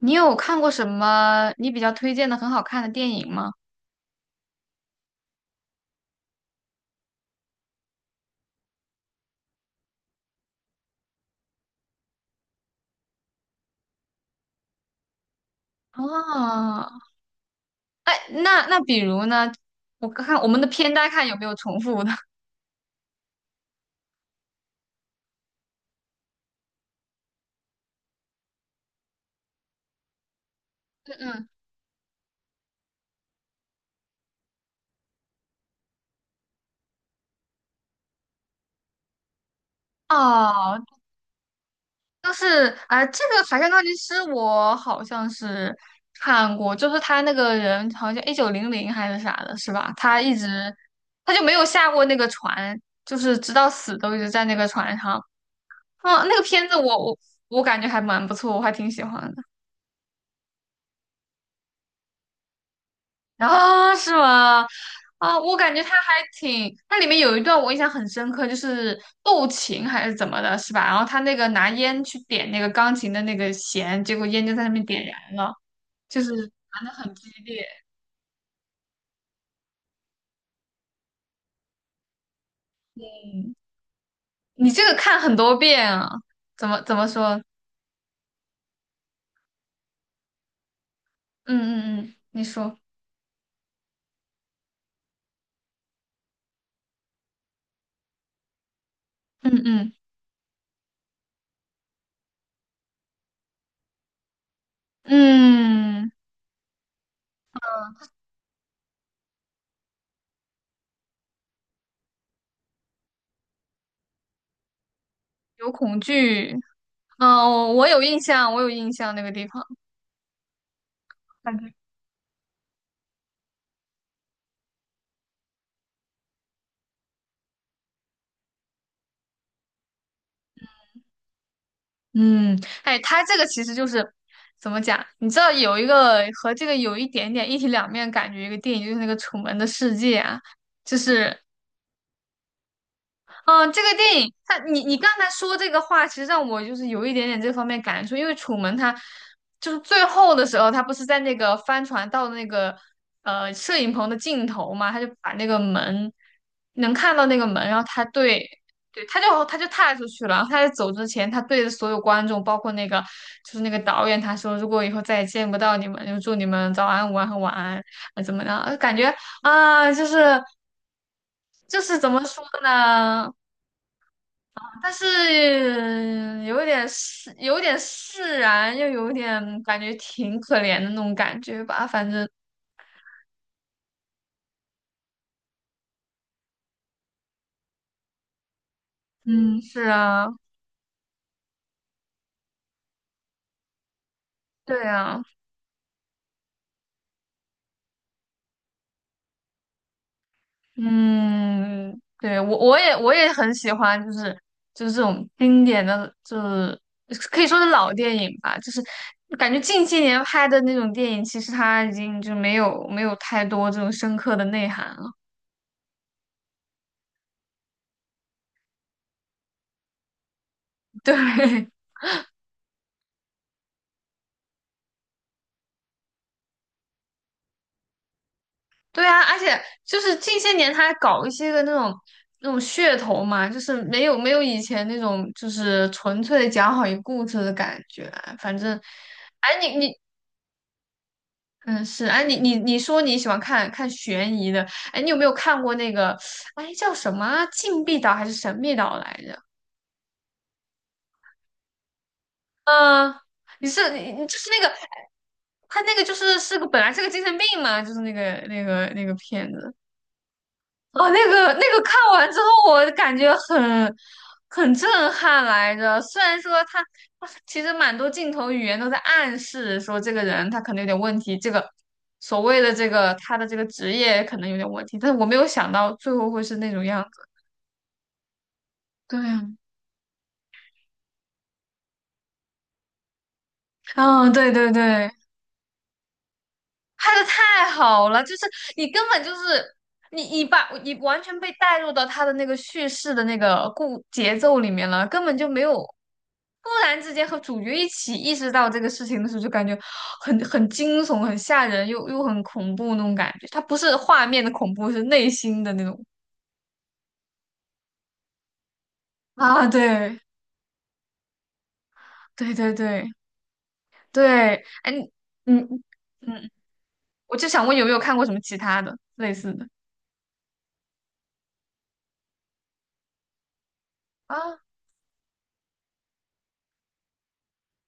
你有看过什么你比较推荐的很好看的电影吗？哦，哎，那比如呢？我看我们的片单看有没有重复的。嗯嗯，哦，就是这个《海上钢琴师》我好像是看过，就是他那个人好像一九零零还是啥的，是吧？他一直他就没有下过那个船，就是直到死都一直在那个船上。嗯，那个片子我感觉还蛮不错，我还挺喜欢的。啊，是吗？啊，我感觉他还挺，它里面有一段我印象很深刻，就是斗琴还是怎么的，是吧？然后他那个拿烟去点那个钢琴的那个弦，结果烟就在上面点燃了，就是玩的很激烈。嗯，你这个看很多遍啊？怎么说？嗯嗯嗯，你说，嗯嗯嗯，有恐惧。嗯，我有印象，我有印象那个地方。嗯，哎，它这个其实就是怎么讲？你知道有一个和这个有一点点一体两面感觉一个电影，就是那个《楚门的世界》啊，就是嗯，这个电影，他，你刚才说这个话，其实让我就是有一点点这方面感触，因为楚门他就是最后的时候，他不是在那个帆船到那个摄影棚的尽头嘛，他就把那个门能看到那个门，然后他对对，他就踏出去了，然后他在走之前，他对着所有观众，包括那个就是那个导演，他说如果以后再也见不到你们，就祝你们早安、午安和晚安，啊怎么样？感觉啊，就是就是怎么说呢？但是有点释然，又有点感觉挺可怜的那种感觉吧。反正，嗯，是啊，对啊，嗯，对，我也很喜欢，就是就是这种经典的，就是可以说是老电影吧。就是感觉近些年拍的那种电影，其实它已经就没有太多这种深刻的内涵了。对，对啊，而且就是近些年他还搞一些个那种那种噱头嘛，就是没有以前那种就是纯粹的讲好一个故事的感觉啊。反正，哎，嗯是哎你说你喜欢看悬疑的，哎，你有没有看过那个哎叫什么啊禁闭岛还是神秘岛来着？嗯、你就是那个哎他那个就是本来是个精神病嘛，就是那个片子。哦，那个看完之后，我感觉很很震撼来着。虽然说他他其实蛮多镜头语言都在暗示说这个人他可能有点问题，这个所谓的这个他的这个职业可能有点问题，但是我没有想到最后会是那种样子。对啊，嗯，对对对。拍的太好了，就是你根本就是你你把你完全被带入到他的那个叙事的那个故节奏里面了，根本就没有突然之间和主角一起意识到这个事情的时候，就感觉很很惊悚、很吓人，又很恐怖那种感觉。它不是画面的恐怖，是内心的那种啊，对对对对对，哎，你嗯，我就想问有没有看过什么其他的类似的？啊？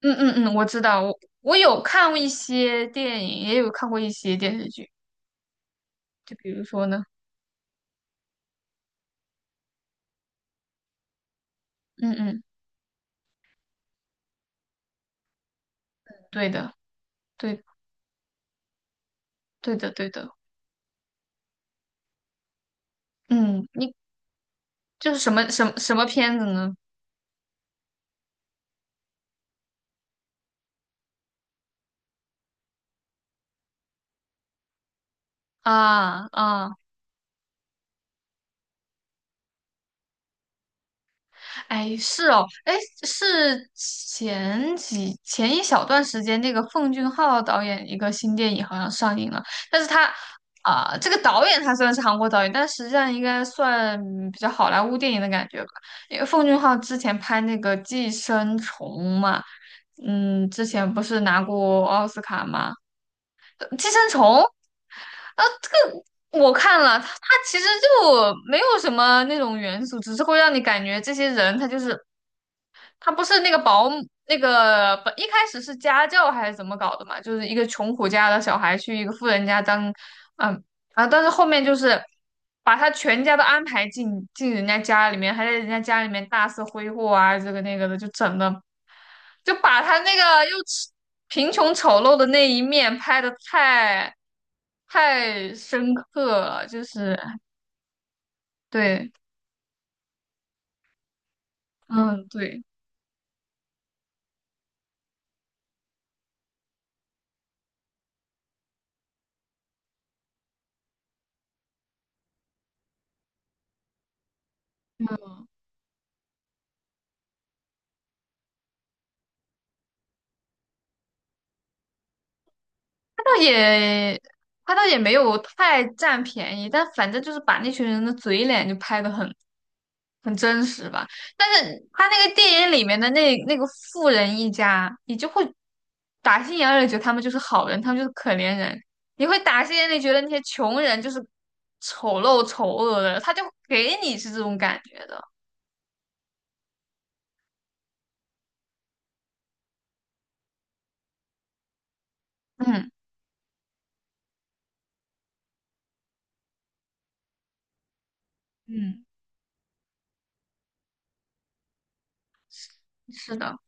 嗯嗯嗯，我知道，我有看过一些电影，也有看过一些电视剧，就比如说呢，嗯嗯，对的，对对的，嗯，你就是什么什么什么片子呢？啊啊。哎，是哦，哎，是前一小段时间，那个奉俊昊导演一个新电影好像上映了，但是他这个导演他虽然是韩国导演，但实际上应该算比较好莱坞电影的感觉吧，因为奉俊昊之前拍那个《寄生虫》嘛，嗯，之前不是拿过奥斯卡吗？寄生虫》啊，这个。我看了，他它其实就没有什么那种元素，只是会让你感觉这些人他就是他不是那个保姆，那个本一开始是家教还是怎么搞的嘛？就是一个穷苦家的小孩去一个富人家当，嗯啊，但是后面就是把他全家都安排进人家家里面，还在人家家里面大肆挥霍啊，这个那个的，就整的就把他那个又丑贫穷丑陋的那一面拍的太深刻了，就是对，嗯对。他倒也他倒也没有太占便宜，但反正就是把那群人的嘴脸就拍得很很真实吧。但是他那个电影里面的那个富人一家，你就会打心眼儿里觉得他们就是好人，他们就是可怜人。你会打心眼里觉得那些穷人就是丑陋丑恶的，他就给你是这种感觉的。嗯嗯，是的，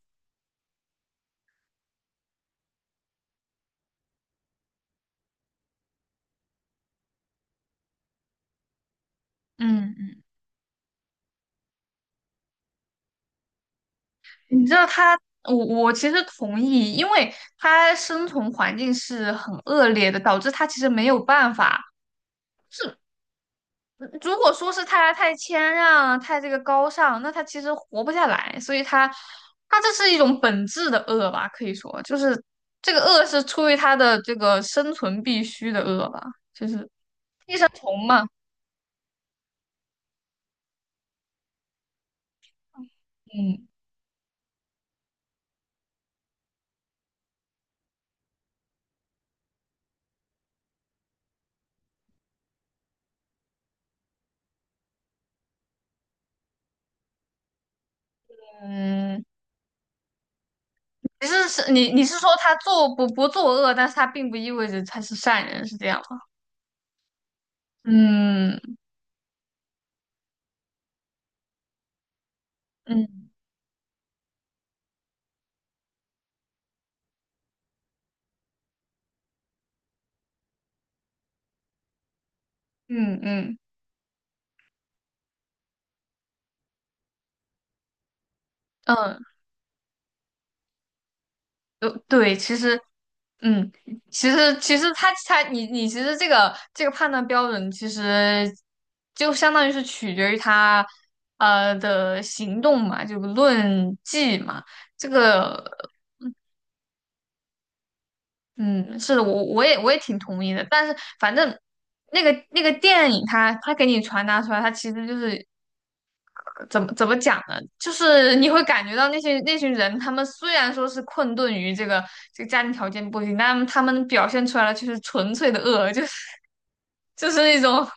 嗯。你知道他，我其实同意，因为他生存环境是很恶劣的，导致他其实没有办法。是如果说是他太谦让、太这个高尚，那他其实活不下来。所以他，他这是一种本质的恶吧，可以说就是这个恶是出于他的这个生存必须的恶吧，就是生存嘛。嗯嗯，你是你是说他做不作恶，但是他并不意味着他是善人，是这样吗？嗯。嗯，嗯嗯嗯，对，其实，嗯，其实他你其实这个判断标准其实就相当于是取决于他的行动嘛，就论迹嘛，这个嗯是的，我也挺同意的，但是反正那个电影它给你传达出来，它其实就是怎么讲呢？就是你会感觉到那些那群人，他们虽然说是困顿于这个家庭条件不行，但他们表现出来的却是纯粹的恶，就是就是那种，哎，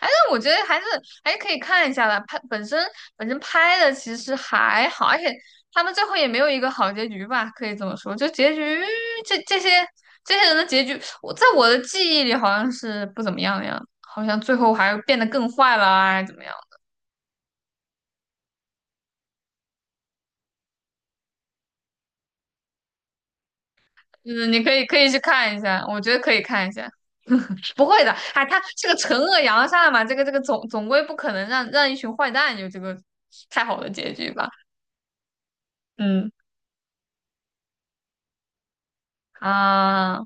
但我觉得还是还是可以看一下的。拍本身本身拍的其实还好，而且他们最后也没有一个好结局吧，可以这么说。就结局，这这些这些人的结局，我在我的记忆里好像是不怎么样的样子，好像最后还变得更坏了啊，怎么样？嗯，你可以去看一下，我觉得可以看一下。不会的，哎，他是个惩恶扬善嘛，这个总归不可能让一群坏蛋有这个太好的结局吧？嗯啊，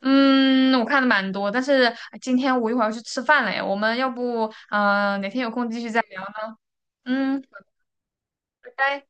嗯，我看的蛮多，但是哎今天我一会儿要去吃饭了呀，我们要不哪天有空继续再聊？嗯，拜拜。